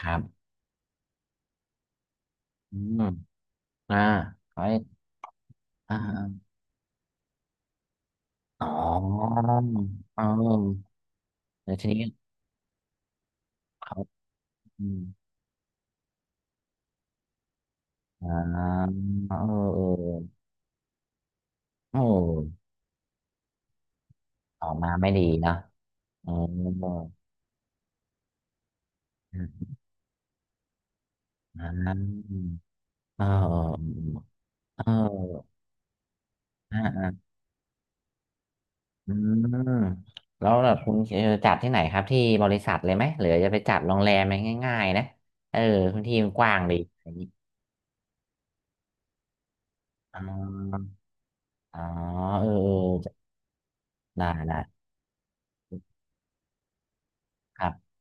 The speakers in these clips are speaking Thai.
ครับ อืมอ่าออาใ้อ่าอ๋อเออแล้วทีนี้เขาอืมอ่าเออเออโอ้ออกมาไม่ดีนะเอออืมอ่าเออเออ อ่าอ่าอืมแล้วแบบคุณเออจัดที่ไหนครับที่บริษัทเลยไหมหรือจะไปจัดโรงแรมไหมง่ายๆนะเออพื้นที่มันกว้างดีอะไรอย่างงี้อ๋ออ๋อเออเออได้ได้ครับ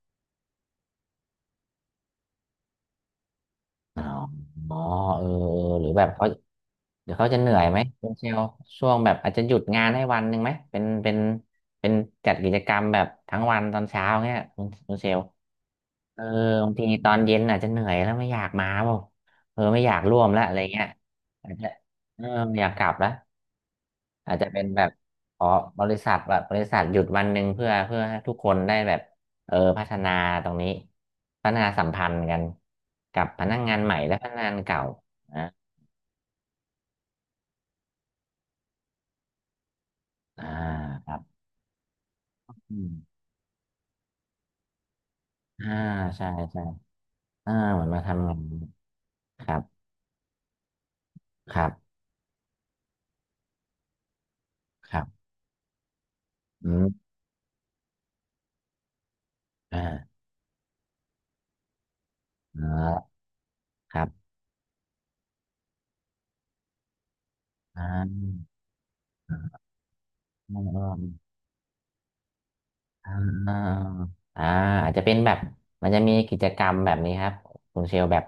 อ๋ออ๋อเออเออหรือแบบเขาเดี๋ยวเขาจะเหนื่อยไหม คุณเชลล์ช่วงแบบอาจจะหยุดงานให้วันหนึ่งไหมเป็นเป็นเป็นจัดกิจกรรมแบบทั้งวันตอนเช้าเงี้ยคุณคุณเชลล์เออบางทีตอนเย็นอาจจะเหนื่อยแล้วไม่อยากมาเปล่าเออไม่อยากร่วมแล้วอะไรเงี้ยอาจจะเออไม่อยากกลับแล้วอาจจะเป็นแบบขอบริษัทแบบบริษัทหยุดวันหนึ่งเพื่อเพื่อให้ทุกคนได้แบบเออพัฒนาตรงนี้พัฒนาสัมพันธ์กันกับพนักงานใหม่และพนักงานเก่า อ่าครับอืมอ่าใช่ใช่อ่าเหมือนมาทำงานครับครับครับอืมอ่าอ่าครับอ่า อ่าอ่าอาจจะเป็นแบบมันจะมีกิจกรรมแบบนี้ครับคุณเชลแบบ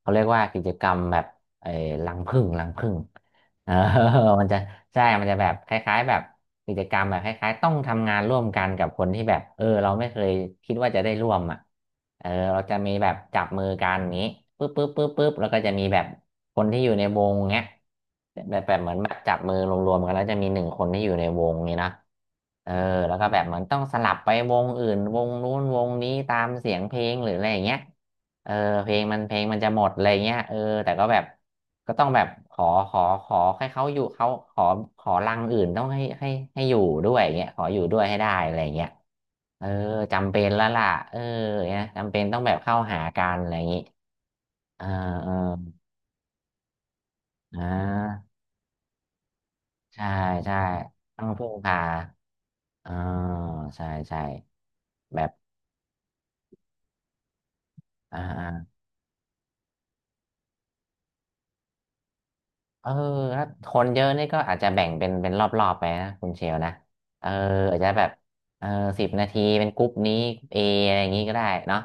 เขาเรียกว่ากิจกรรมแบบเออรังผึ้งรังผึ้ง เออ มันจะใช่มันจะแบบคล้ายๆแบบกิจกรรมแบบคล้ายๆต้องทำงานร่วมกันกับคนที่แบบเออเราไม่เคยคิดว่าจะได้ร่วมอ่ะเออเราจะมีแบบจับมือกันอย่างนี้ปึ๊บปึ๊บปึ๊บปึ๊บแล้วก็จะมีแบบคนที่อยู่ในวงเงี้ยแบบแบบเหมือนแบบจับมือรวมๆกันแล้วจะมี1 คนที่อยู่ในวงนี้นะ เออแล้วก็แบบเหมือนต้องสลับไปวงอื่นวงนู้นวงนี้ตามเสียงเพลงหรืออะไรอย่างเงี้ยเออเพลงมันเพลงมันจะหมดอะไรเงี้ยเออแต่ก็แบบก็ต้องแบบขอขอขอให้เขาอยู่เขาขอขอรังอื่นต้องให้ให้ให้อยู่ด้วยอย่างเงี้ยขออยู่ด้วยให้ได้อะไรอย่างเงี้ยเออจำเป็นแล้วล่ะเออเนี่ยจำเป็นต้องแบบเข้าหากันอะไรอย่างงี้เออเอออ่าใช่ใช่ต้องพึ่งพาอ่าใช่ใช่แบบอ่า เออถ้าคนเยอะนี่ก็อาจจะแบ่งเป็นเป็นรอบๆไปนะคุณเชลนะเอออาจจะแบบเออ10 นาทีเป็นกรุ๊ปนี้เออะไรอย่างงี้ก็ได้เนาะ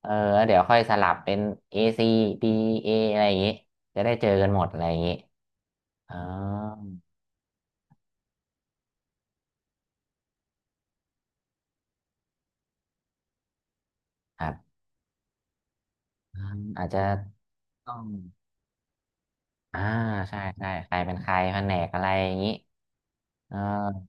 เออแล้วเดี๋ยวค่อยสลับเป็น A C B A อะไรอย่างงี้จะได้เจอกันหมดอะไรอย่างงี้อ๋อครับอมอาจจะต้องอ่าใช่ใช่ใครเป็นใครแผนกอะไรอย่างงี้เออ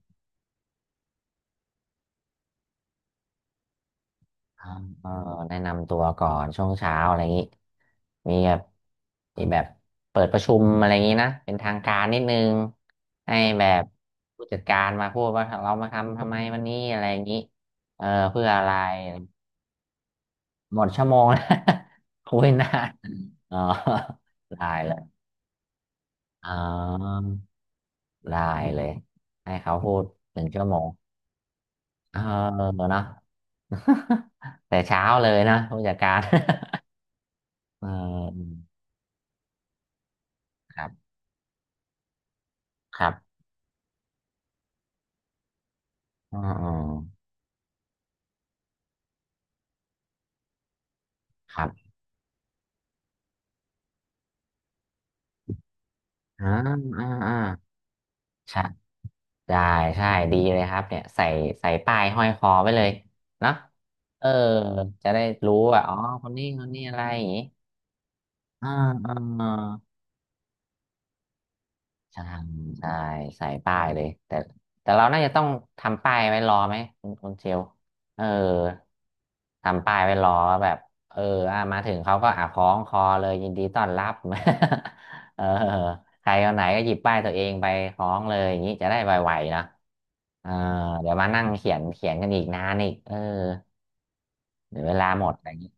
เออแนะนำตัวก่อนช่วงเช้าอะไรอย่างนี้มีแบบมีแบบเปิดประชุมอะไรอย่างนี้นะเป็นทางการนิดนึงให้แบบผู้จัดการมาพูดว่าเรามาทำทำไมวันนี้อะไรอย่างนี้เออเพื่ออะไรหมดชั่วโมงนะ คุยนานอ๋อได้เลยอ๋อได้เลยให้เขาพูด1 ชั่วโมงเออเนาะ แต่เช้าเลยนะผู้จัดการ เออครับ ครับอ๋ออ๋อครับอ่าอ่าอ่าใช่ได้ใช่ ดีเลยครับเนี่ย ใส่ ใส่ป้าย ห้อยคอไว้เลยเนาะเออ จะได้รู้ว่าอ๋อคนนี้คนนี้อะไรอย่างงี้อ่าอ่า ใช่ใช่ใส่ป้ายเลยแต่แต่เราน่าจะต้องทำป้ายไว้รอไหมคุณคุณเชลเออทำป้ายไว้รอว่าแบบเอออ่ะมาถึงเขาก็อ่ะคล้องคอเลยยินดีต้อนรับ เออใครคนไหนก็หยิบป้ายตัวเองไปคล้องเลยอย่างนี้จะได้ไวๆนะเออเดี๋ยวมานั่งเขียนเขียนกันอีกนานอีกเออเดี๋ยวเวลาหมดอะไรอย่างนี้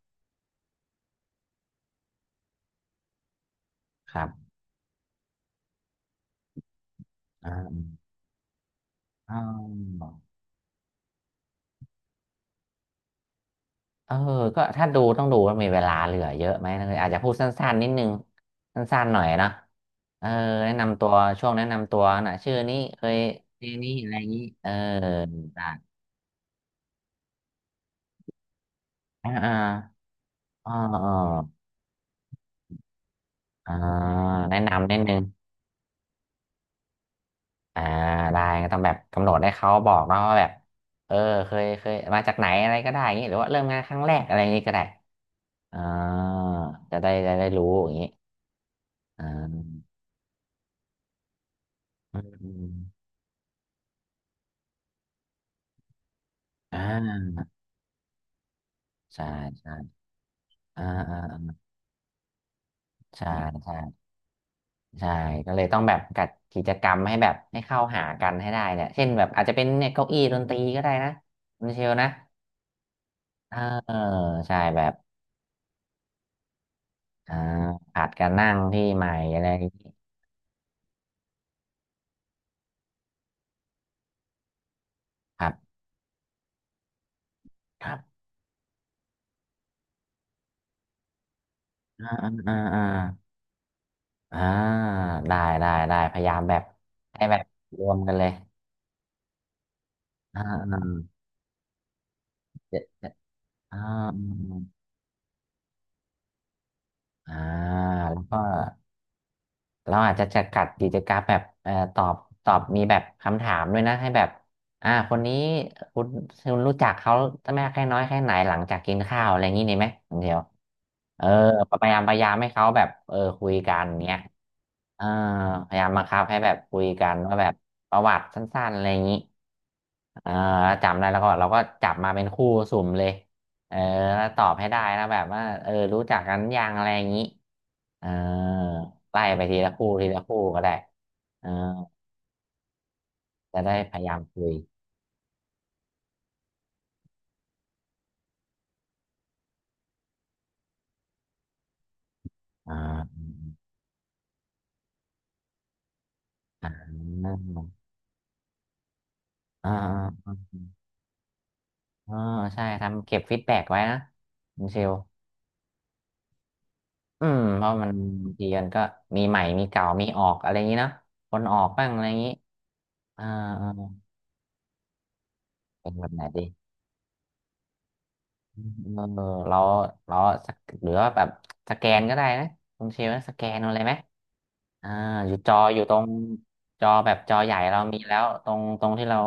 ครับอ่าอ๋อ เออก็ถ้าดูต้องดูว่ามีเวลาเหลือเยอะไหมนะอาจจะพูดสั้นๆนิดนึงสั้นๆหน่อยนะเออแนะนำตัวช่วงแนะนำตัวนะชื่อนี้เคยเรียนนี่อะไรอย่างนี้เออได้อ่าอ่าอ่าอ่าอ่าแนะนำนิดนึงอ่าได้ก็ต้องแบบกำหนดให้เขาบอกเนาะว่าแบบเออเคยเคยมาจากไหนอะไรก็ได้อย่างนี้หรือว่าเริ่มงานครั้งแรกอะไรอย่างนี้ก็ได้อ่าจะได้จะได้รู้อย่างนี้อ่าอืมอ่าใช่ใช่ อ่าอ่าอ่าใช่ใช่ใช่ก็เลยต้องแบบจัดกิจกรรมให้แบบให้เข้าหากันให้ได้เนี่ยเช่นแบบอาจจะเป็นเนี่ยเก้าอี้ดนตรีก็ได้นะคุณเชลนะเออใช่แบบอ่าผัดกันนั่งที่ใหม่อะไรอย่างนี้ครับครับอ่าอ่าอ่าอ่าอ่าได้ได้ได้พยายามแบบให้แบบรวมกันเลยอ่าอ่าเจ็ดเจ็ดอ่าอมอ่าแล้วก็ เราอาจจะจำกัดกิจกรรมแบบตอบตอบมีแบบคำถามด้วยนะให้แบบคนนี้คุณคุณรู้จักเขามากแค่น้อยแค่ไหนหลังจากกินข้าวอะไรอย่างนี้ดีไหมคุณเดียวเออพยายามให้เขาแบบเออคุยกันเนี้ยเออพยายามบังคับให้แบบคุยกันว่าแบบประวัติสั้นๆอะไรอย่างนี้เออแล้วจำได้แล้วก็เราก็จับมาเป็นคู่สุ่มเลยเออแล้วตอบให้ได้นะแบบว่าเออรู้จักกันยังอะไรอย่างนี้ เออไล่ไปทีละคู่ทีละคู่ก็ได้เออจะได้พยายามคุยอ่าอ่าอ่าอ่าอ่าใช่ทำเก็บฟีดแบ็กไว้นะคุณเชลอืมเพราะมันบางทีมันก็มีใหม่มีเก่ามีออกอะไรอย่างนี้เนาะคนออกบ้างอะไรอย่างนี้อ่าอ่าเป็นแบบไหนดี เออเราเราสักหรือว่าแบบสแกนก็ได้นะคุณเชลนะสแกนเอาเลยไหมอ่าอยู่จออยู่ตรงจอแบบจอใหญ่เรามีแล้วตรงที่เรา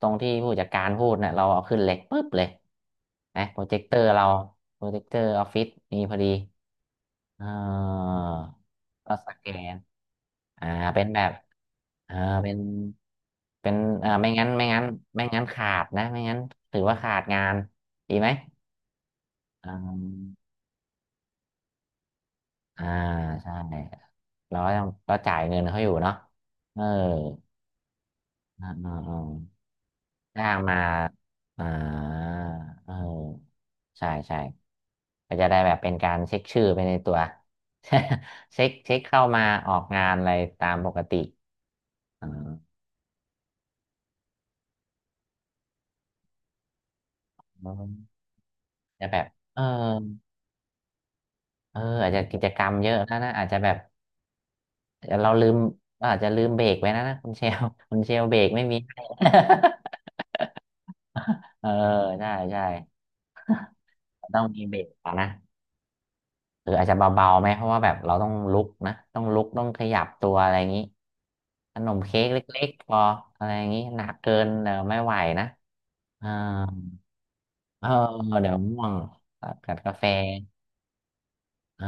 ตรงที่ผู้จัดการพูดเนี่ยเราเอาขึ้นเล็กปุ๊บเลยนะโปรเจคเตอร์เราโปรเจคเตอร์ออฟฟิศมีพอดีอ่าก็สแกนอ่าเป็นแบบอ่าเป็นเป็นอ่าไม่งั้นขาดนะไม่งั้นถือว่าขาดงานดีไหมอ่า อ่าใช่เราก็ต้องก็จ่ายเงินเขาอยู่เนาะเอออ่าอ่าอ่าจ้างมาอ่าเออใช่ใช่ก็จะได้แบบเป็นการเช็คชื่อไปในตัว เช็คเข้ามาออกงานอะไรตามปกติอ่าจะแบบเออเอออาจจะกิจกรรมเยอะนะนะอาจจะแบบเราลืมเราอาจจะลืมเบรกไว้นะนะคุณเชล คุณเชลเบรกไม่มีให้ เออใช่ใช่ ต้องมีเบรกอะนะเอออาจจะเบาๆไหมเพราะว่าแบบเราต้องลุกนะต้องลุกต้องขยับตัวอะไรอย่างนี้ขนมเค้กเล็กๆพออะไรอย่างนี้หนักเกินเดี๋ยวไม่ไหวนะเออเออเดี๋ยวง่วงกัดกาแฟเออ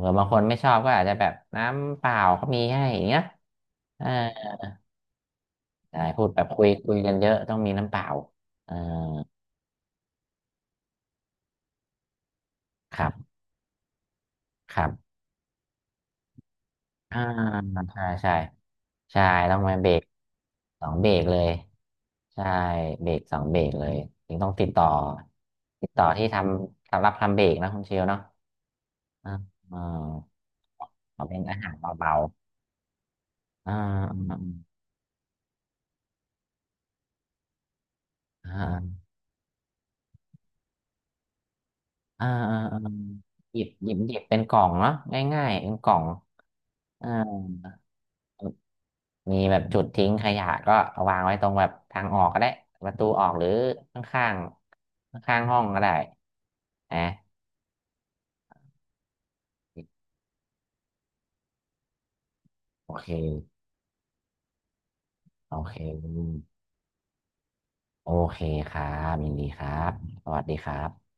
หรือบางคนไม่ชอบก็อาจจะแบบน้ำเปล่าก็มีให้อย่างเงี้ยเออใช่พูดแบบคุยกันเยอะต้องมีน้ำเปล่าเออครับครับ อ่าใช่ใช่ใช่ต้องมาเบรกสองเบรกเลยใช่เบรกสองเบรกเลยถึงต้องติดต่อที่ทำสำหรับทำเบรกนะคุณเชลเนาะอ่าอ่าขอเป็นอาหารเบาๆอ่าอ่าอ่าอ่าอ่าอ่าหยิบเป็นกล่องเนาะง่ายๆเป็นกล่องอ่า มีแบบจุดทิ้งขยะก็เอาวางไว้ตรงแบบทางออกก็ได้ประตูออกหรือข้างๆข้างๆห้องก็ได้นะโอเคโอเคโอเคครับยินดีครับสวัสดีครับ